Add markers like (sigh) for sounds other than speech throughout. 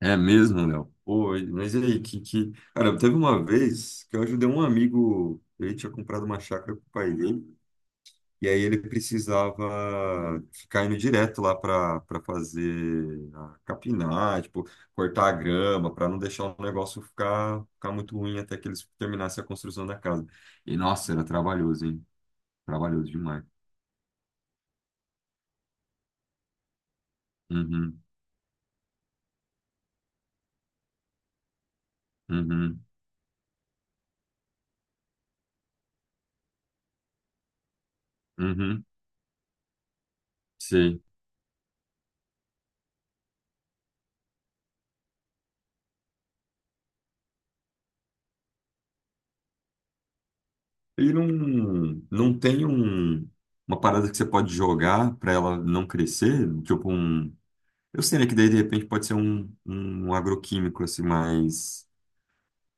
É mesmo, Léo? Pô, mas e aí, Cara, teve uma vez que eu ajudei um amigo, ele tinha comprado uma chácara pro pai dele, e aí ele precisava ficar indo direto lá para fazer, a capinar, tipo, cortar a grama, para não deixar o negócio ficar muito ruim até que eles terminassem a construção da casa. E, nossa, era trabalhoso, hein? Trabalhoso demais. Uhum, uhum, uhum, sim. Ele não tem uma parada que você pode jogar para ela não crescer, tipo um. Eu sei, né, que daí de repente pode ser um agroquímico, assim, mas.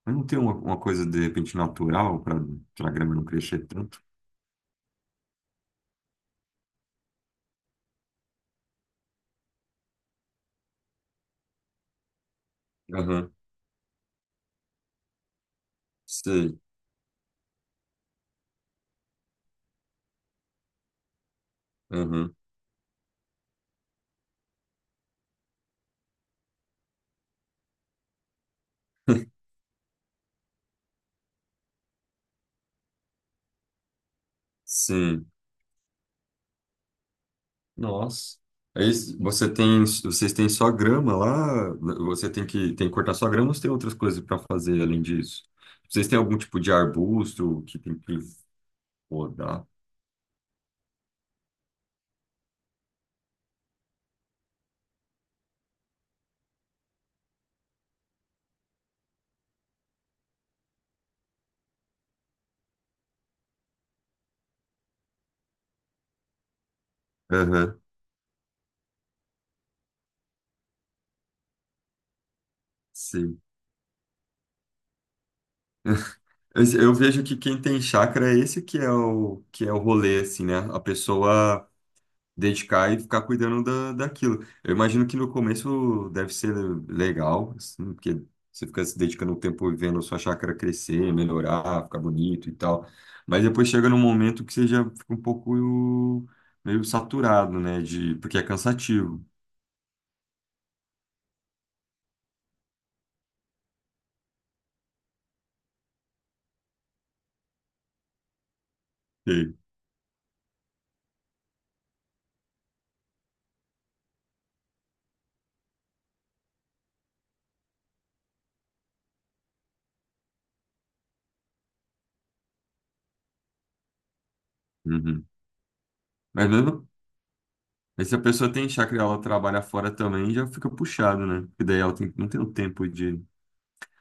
Mas não tem uma coisa de repente natural para a grama não crescer tanto. Aham, sei. Aham, sim. Nossa. Aí vocês têm só grama lá? Você tem que cortar só grama ou você tem outras coisas para fazer além disso? Vocês têm algum tipo de arbusto que tem que podar? Aham. Sim. Eu vejo que quem tem chácara é esse que é o rolê, assim, né? A pessoa dedicar e ficar cuidando daquilo. Eu imagino que no começo deve ser legal, assim, porque você fica se dedicando o tempo e vendo a sua chácara crescer, melhorar, ficar bonito e tal. Mas depois chega num momento que você já fica um pouco meio saturado, né? Porque é cansativo. Sim. Uhum. Mas mesmo Mas se a pessoa tem chácara e ela trabalha fora também, já fica puxado, né? Porque daí ela não tem o tempo de.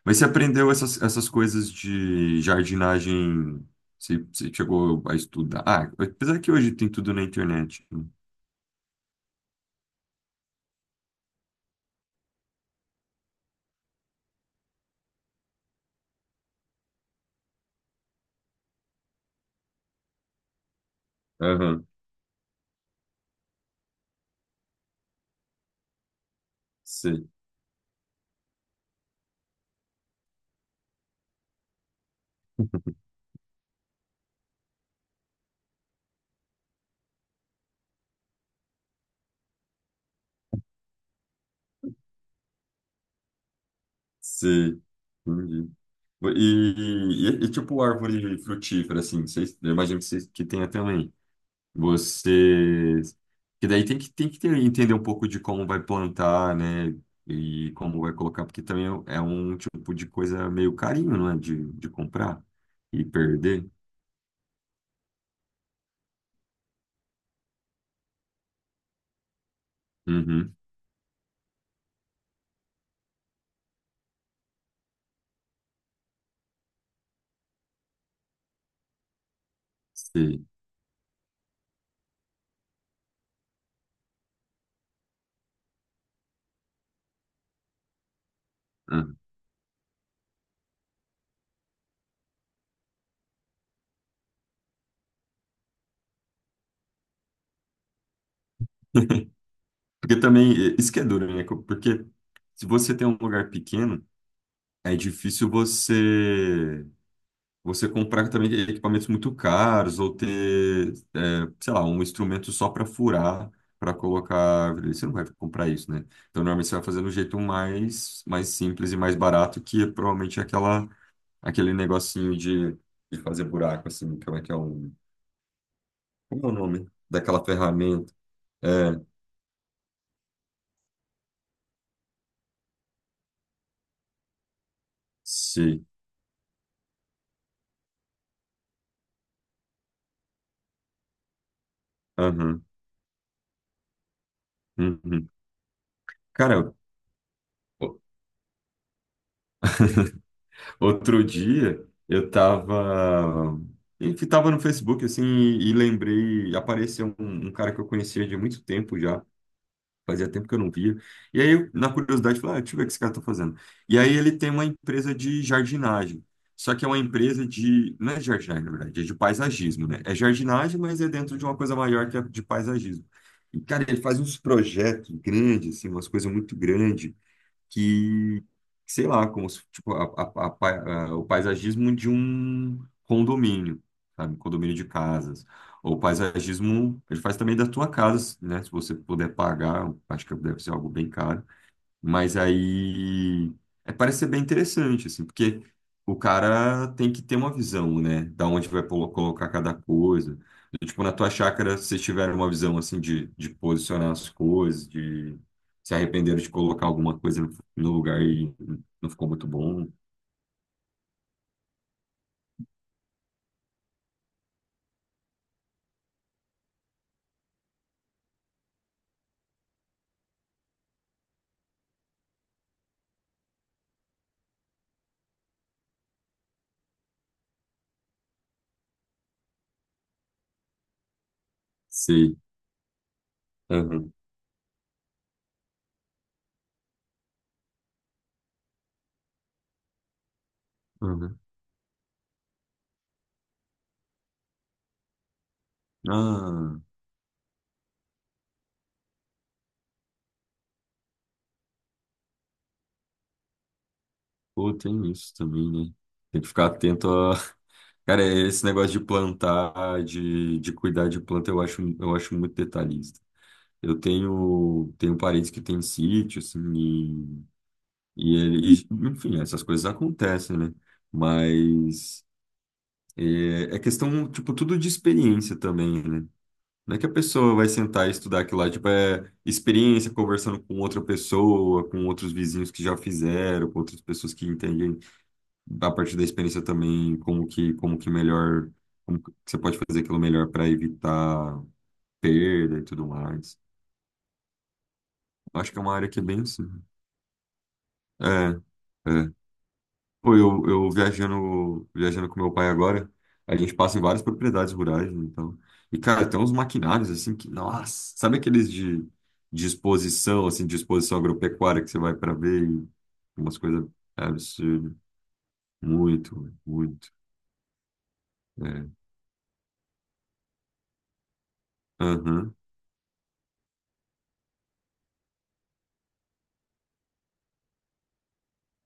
Mas você aprendeu essas coisas de jardinagem? Você chegou a estudar? Ah, apesar que hoje tem tudo na internet, né? Aham, sei, sei. Entendi. E, tipo árvore frutífera, assim, vocês, eu imagino que, vocês, que tenha também. Você. Que daí tem que entender um pouco de como vai plantar, né? E como vai colocar, porque também é um tipo de coisa meio carinho, não é? De comprar e perder. Uhum, sei. Ah. (laughs) Porque também, isso que é duro, né? Porque se você tem um lugar pequeno, é difícil você. Você comprar também equipamentos muito caros ou ter, é, sei lá, um instrumento só para furar, para colocar árvore. Você não vai comprar isso, né? Então, normalmente você vai fazer do jeito mais simples e mais barato, que é provavelmente aquele negocinho de fazer buraco, assim, como é que é um... Como é o nome? Daquela ferramenta. É, sei. Aham. Uhum. Cara, outro dia eu tava, enfim, tava no Facebook assim e lembrei, apareceu um cara que eu conhecia de muito tempo já, fazia tempo que eu não via. E aí, eu, na curiosidade, falei, ah, deixa eu ver o que esse cara tá fazendo. E aí ele tem uma empresa de jardinagem. Só que é uma empresa de, não é jardinagem, na verdade, é de paisagismo, né? É jardinagem, mas é dentro de uma coisa maior que é de paisagismo. E, cara, ele faz uns projetos grandes, assim, umas coisas muito grandes que, sei lá, como se, tipo, o paisagismo de um condomínio, sabe? Condomínio de casas. Ou paisagismo, ele faz também da tua casa, né? Se você puder pagar, acho que deve ser algo bem caro. Mas aí é, parece ser bem interessante, assim, porque o cara tem que ter uma visão, né? Da onde vai colocar cada coisa. E, tipo, na tua chácara, se vocês tiveram uma visão, assim, de posicionar as coisas, de se arrependeram de colocar alguma coisa no lugar e não ficou muito bom. Sei. Aham, aham. Ah, pô, tem isso também, né? Tem que ficar atento a. (laughs) Cara, esse negócio de plantar, de cuidar de planta, eu acho muito detalhista. Eu tenho parentes que têm sítio, assim, enfim, essas coisas acontecem, né? Mas é questão, tipo, tudo de experiência também, né? Não é que a pessoa vai sentar e estudar aquilo lá, tipo, é experiência conversando com outra pessoa, com outros vizinhos que já fizeram, com outras pessoas que entendem a partir da experiência também como que melhor, como que você pode fazer aquilo melhor para evitar perda e tudo mais. Acho que é uma área que é bem assim. É, é. Pô, eu viajando, viajando com meu pai agora, a gente passa em várias propriedades rurais, né, então. E, cara, tem uns maquinários assim que, nossa, sabe aqueles de exposição, assim, de exposição agropecuária que você vai para ver e umas coisas absurdas. Muito, muito. É. Aham.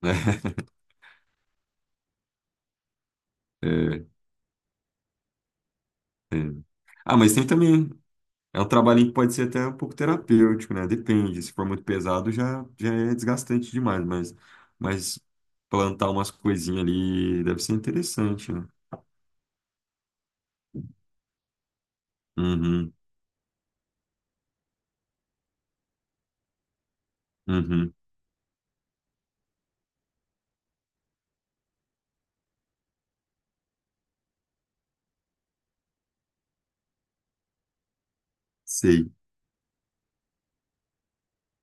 (laughs) É, é. Ah, mas tem também. É um trabalhinho que pode ser até um pouco terapêutico, né? Depende. Se for muito pesado, já é desgastante demais, mas, plantar umas coisinhas ali deve ser interessante, né? Uhum, uhum. Sei,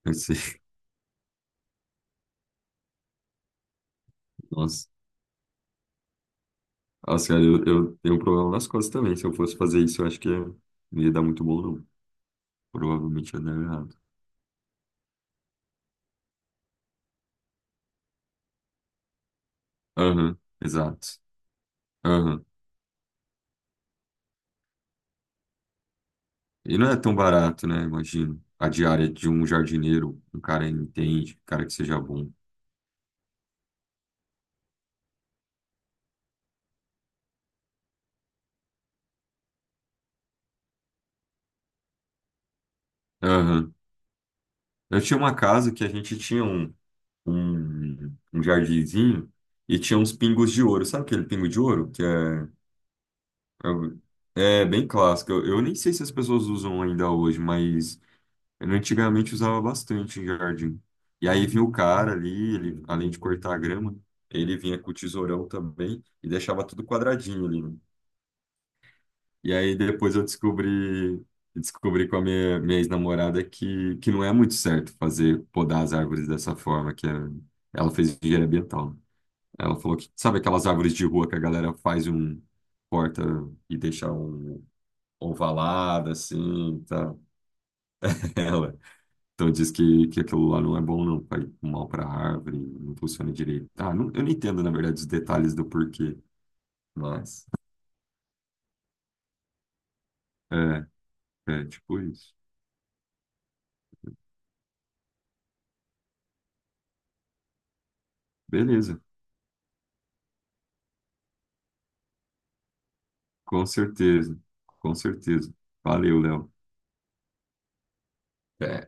eu sei. (laughs) Nossa, nossa, cara, eu tenho um problema nas costas também. Se eu fosse fazer isso, eu acho que não ia dar muito bom, não. Provavelmente ia dar errado. Aham, exato. Aham. E não é tão barato, né? Imagino. A diária de um jardineiro, um cara que entende, um cara que seja bom. Eu tinha uma casa que a gente tinha um jardinzinho e tinha uns pingos de ouro. Sabe aquele pingo de ouro? Que é, o- é bem clássico. Eu nem sei se as pessoas usam ainda hoje, mas eu antigamente usava bastante em jardim. E aí vinha o cara ali, ele, além de cortar a grama, ele vinha com o tesourão também e deixava tudo quadradinho ali, né? E aí depois eu descobri com a minha ex-namorada que não é muito certo fazer podar as árvores dessa forma, ela fez engenharia ambiental. Ela falou que, sabe aquelas árvores de rua que a galera faz um corta e deixa um ovalado assim, tá? (laughs) Ela. Então diz que aquilo lá não é bom não, faz um mal para a árvore, não funciona direito. Ah, eu não entendo, na verdade, os detalhes do porquê, mas é, é tipo isso. Beleza. Com certeza, com certeza. Valeu, Léo. É,